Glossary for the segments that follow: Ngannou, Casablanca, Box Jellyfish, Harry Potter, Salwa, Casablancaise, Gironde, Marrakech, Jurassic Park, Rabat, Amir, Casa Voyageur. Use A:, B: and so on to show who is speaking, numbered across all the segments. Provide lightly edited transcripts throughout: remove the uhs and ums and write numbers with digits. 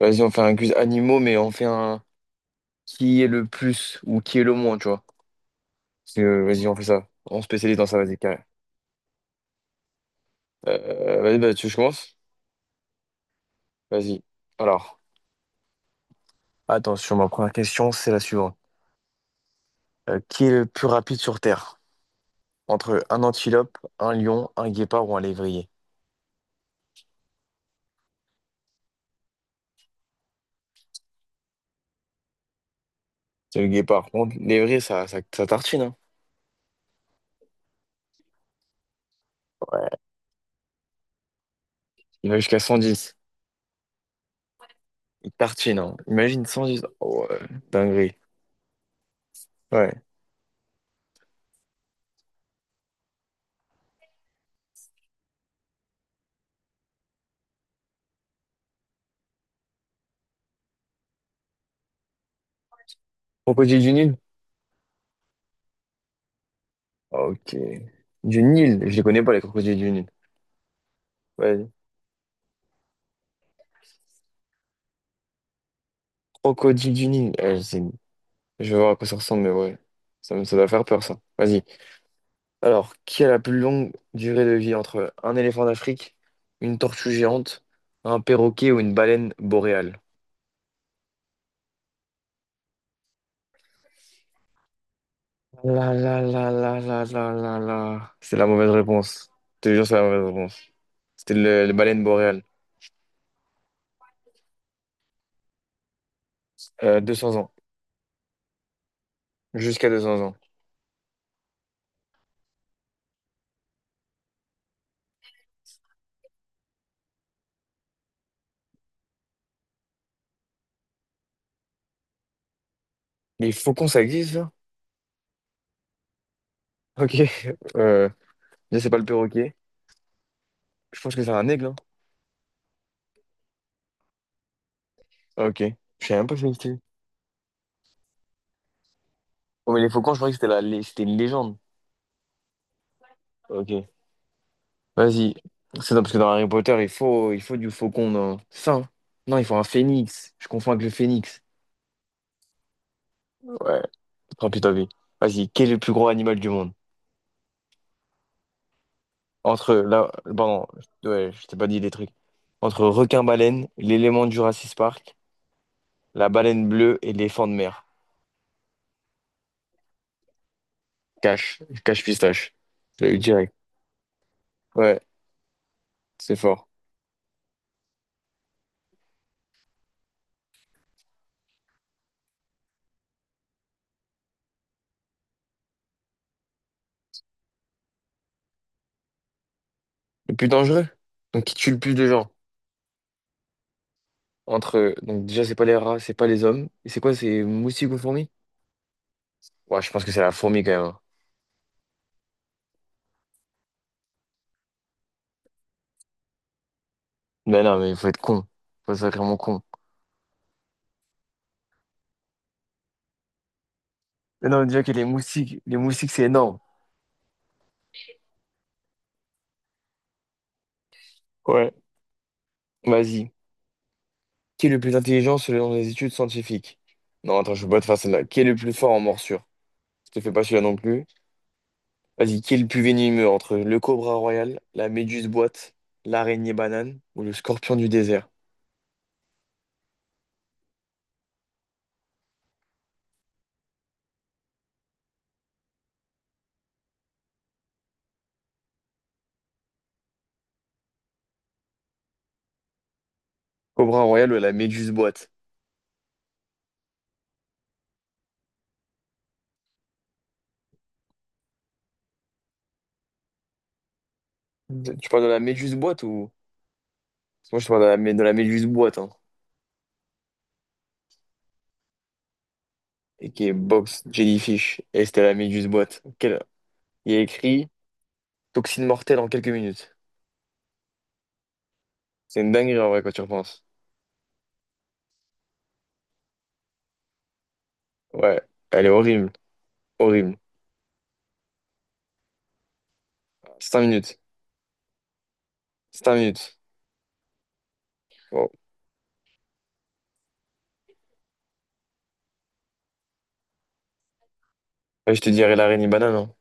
A: Vas-y, on fait un quiz animaux, mais on fait un qui est le plus ou qui est le moins, tu vois. Parce que vas-y, on fait ça. On spécialise dans ça, vas-y, carré. Vas-y, tu commences. Vas-y. Alors, attends, sur ma première question, c'est la suivante. Qui est le plus rapide sur Terre? Entre un antilope, un lion, un guépard ou un lévrier? C'est le guépard. Bon, lévrier, ça tartine, hein. Ouais. Il va jusqu'à cent dix. Il tartine, hein. Imagine 110. Oh, ouais. Dinguerie. Ouais. Crocodile du Nil? Ok. Du Nil, je les connais pas, les crocodiles du Nil. Ouais, crocodile du Nil. Ouais, je vais voir à quoi ça ressemble, mais ouais. Ça doit faire peur, ça. Vas-y. Alors, qui a la plus longue durée de vie entre un éléphant d'Afrique, une tortue géante, un perroquet ou une baleine boréale? La la la la la la la la. C'est la mauvaise réponse. Je te jure, c'est la mauvaise réponse. C'était les baleine boréale. 200 ans. Jusqu'à 200 ans. Les faucons, ça existe, ça? Ok. Euh, je sais pas, le perroquet. Je pense que c'est un aigle, hein. Ok. Je savais même pas que ça existait. Oh, mais les faucons, je croyais que c'était une légende. Ok. Vas-y. C'est ça, parce que dans Harry Potter, il faut du faucon. Non. C'est ça, hein. Non, il faut un phénix. Je confonds avec le phénix. Ouais. Tant pis, tant pis. Vas-y, quel est le plus gros animal du monde? Entre, là, pardon, ouais, je t'ai pas dit des trucs. Entre requin-baleine, l'élément du Jurassic Park, la baleine bleue et l'éléphant de mer. Cache, cache pistache. Je l'ai eu direct. Ouais, c'est fort. Le plus dangereux? Donc, qui tue le plus de gens? Entre, donc déjà, c'est pas les rats, c'est pas les hommes. Et c'est quoi, c'est moustique ou fourmi? Ouais, je pense que c'est la fourmi quand même, hein. Mais non, mais il faut être con. Faut être sacrément con. Mais non, déjà que les moustiques, c'est énorme. Ouais. Vas-y. Qui est le plus intelligent selon les études scientifiques? Non, attends, je peux pas te faire celle-là. Qui est le plus fort en morsure? Je te fais pas celui-là non plus. Vas-y, qui est le plus venimeux entre le cobra royal, la méduse boîte, l'araignée banane ou le scorpion du désert? Cobra royal ou la méduse boîte? Tu parles de la méduse boîte ou... Parce que moi, je parle de de la méduse boîte, hein. Et qui est Box Jellyfish. Et c'était la méduse boîte. Quel- Il y a écrit toxine mortelle en quelques minutes. C'est une dinguerie en vrai quand tu repenses. Ouais, elle est horrible. Horrible. Cinq minutes. Cinq minutes. Bon. Et je te dirai la reine banane, hein.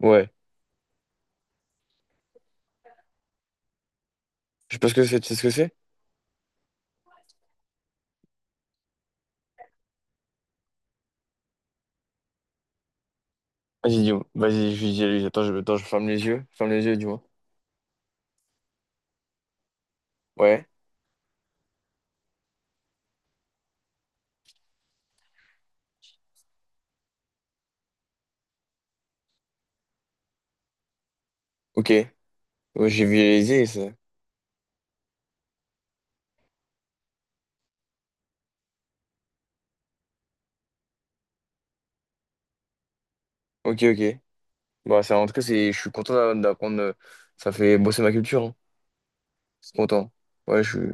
A: Ouais. Je sais pas ce que c'est. Tu sais ce que c'est? Vas-y, dis-moi. Vas-y, je dis à lui. Attends, je ferme les yeux. Ferme les yeux, dis-moi. Ouais. Ok. Ouais, j'ai visualisé ça. Ok, ok. Bah ça, en tout cas, c'est, je suis content d'apprendre. Ça fait bosser ma culture, hein. Je suis content. Ouais, je suis.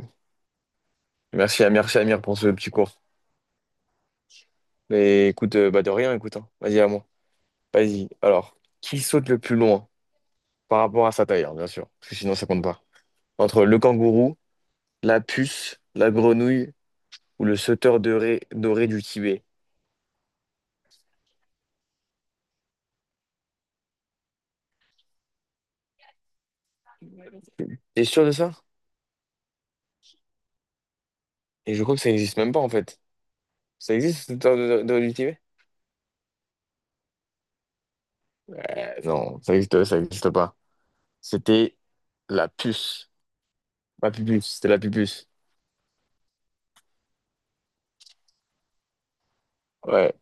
A: Merci à merci Amir pour ce petit cours. Mais écoute, bah de rien, écoute, hein. Vas-y, à moi. Vas-y. Alors, qui saute le plus loin par rapport à sa taille, hein, bien sûr, parce que sinon ça compte pas. Entre le kangourou, la puce, la grenouille ou le sauteur doré, doré du Tibet. T'es sûr de ça? Et je crois que ça n'existe même pas en fait. Ça existe, le sauteur doré doré du Tibet? Non, ça existe pas. C'était la puce. La pupuce, c'était la pupuce. Ouais.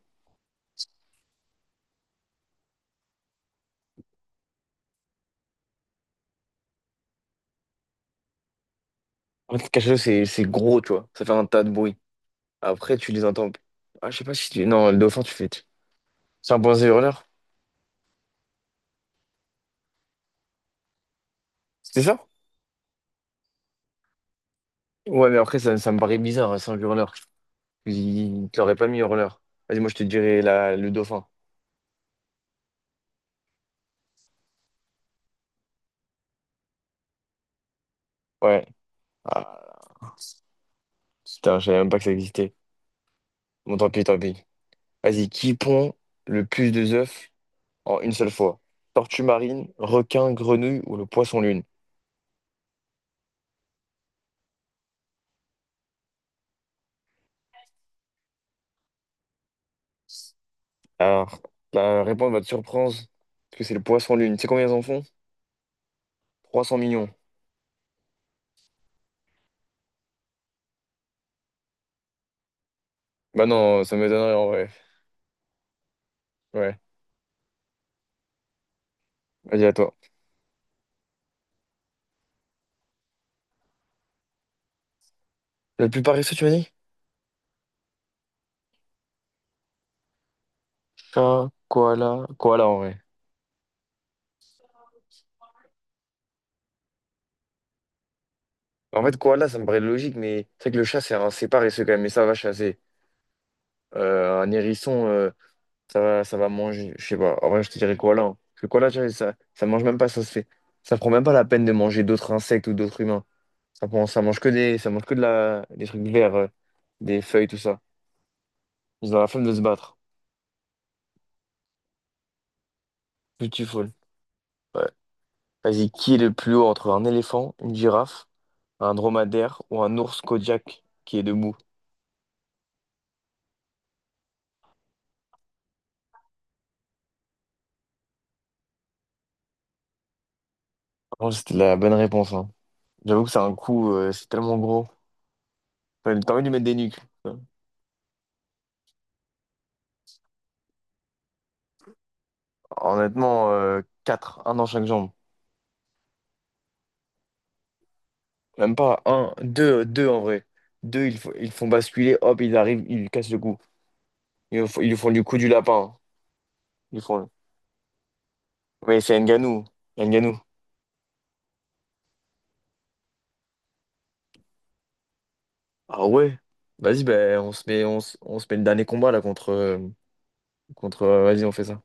A: En fait, quelque chose, c'est gros, tu vois. Ça fait un tas de bruit. Après, tu les entends. Ah, je sais pas si tu. Non, le dauphin, tu fais. C'est un point hurleur. C'était ça? Ouais, mais après, ça me paraît bizarre, un singe hurleur. Il te l'aurait pas mis hurleur. Vas-y, moi, je te dirais le dauphin. Ouais. Ah, putain, je savais même pas que ça existait. Bon, tant pis, tant pis. Vas-y, qui pond le plus de œufs en une seule fois? Tortue marine, requin, grenouille ou le poisson lune? Alors, la réponse va te surprendre, parce que c'est le poisson lune. Tu sais combien ils en font? 300 millions. Bah non, ça me donnerait en vrai. Ouais, vas-y, à toi. Le plus paresseux, tu m'as dit? Chat, koala, koala en vrai. En fait, koala, ça me paraît logique, mais c'est vrai que le chat, c'est paresseux quand même, mais ça va chasser. Un hérisson, ça va manger. Je sais pas. En vrai, je te dirais koala, hein. Parce que koala, tu vois, ça mange même pas, ça se fait. Ça prend même pas la peine de manger d'autres insectes ou d'autres humains. Ça prend, ça mange que des, ça mange que de des trucs verts, des feuilles, tout ça. Ils ont la flemme de se battre. Beautiful. Ouais. Vas-y, qui est le plus haut entre un éléphant, une girafe, un dromadaire ou un ours Kodiak qui est debout? Franchement, c'était la bonne réponse, hein. J'avoue que c'est un coup, c'est tellement gros. T'as t'as envie de lui mettre des nuques. Honnêtement, quatre, un dans chaque jambe. Même pas 1, 2, 2 en vrai. 2, ils font basculer, hop, ils arrivent, ils lui cassent le cou. Ils lui font du coup du lapin. Ils font... Mais c'est Ngannou. Ngannou. Ah ouais? Vas-y, ben, on se met le dernier combat là contre... contre vas-y, on fait ça.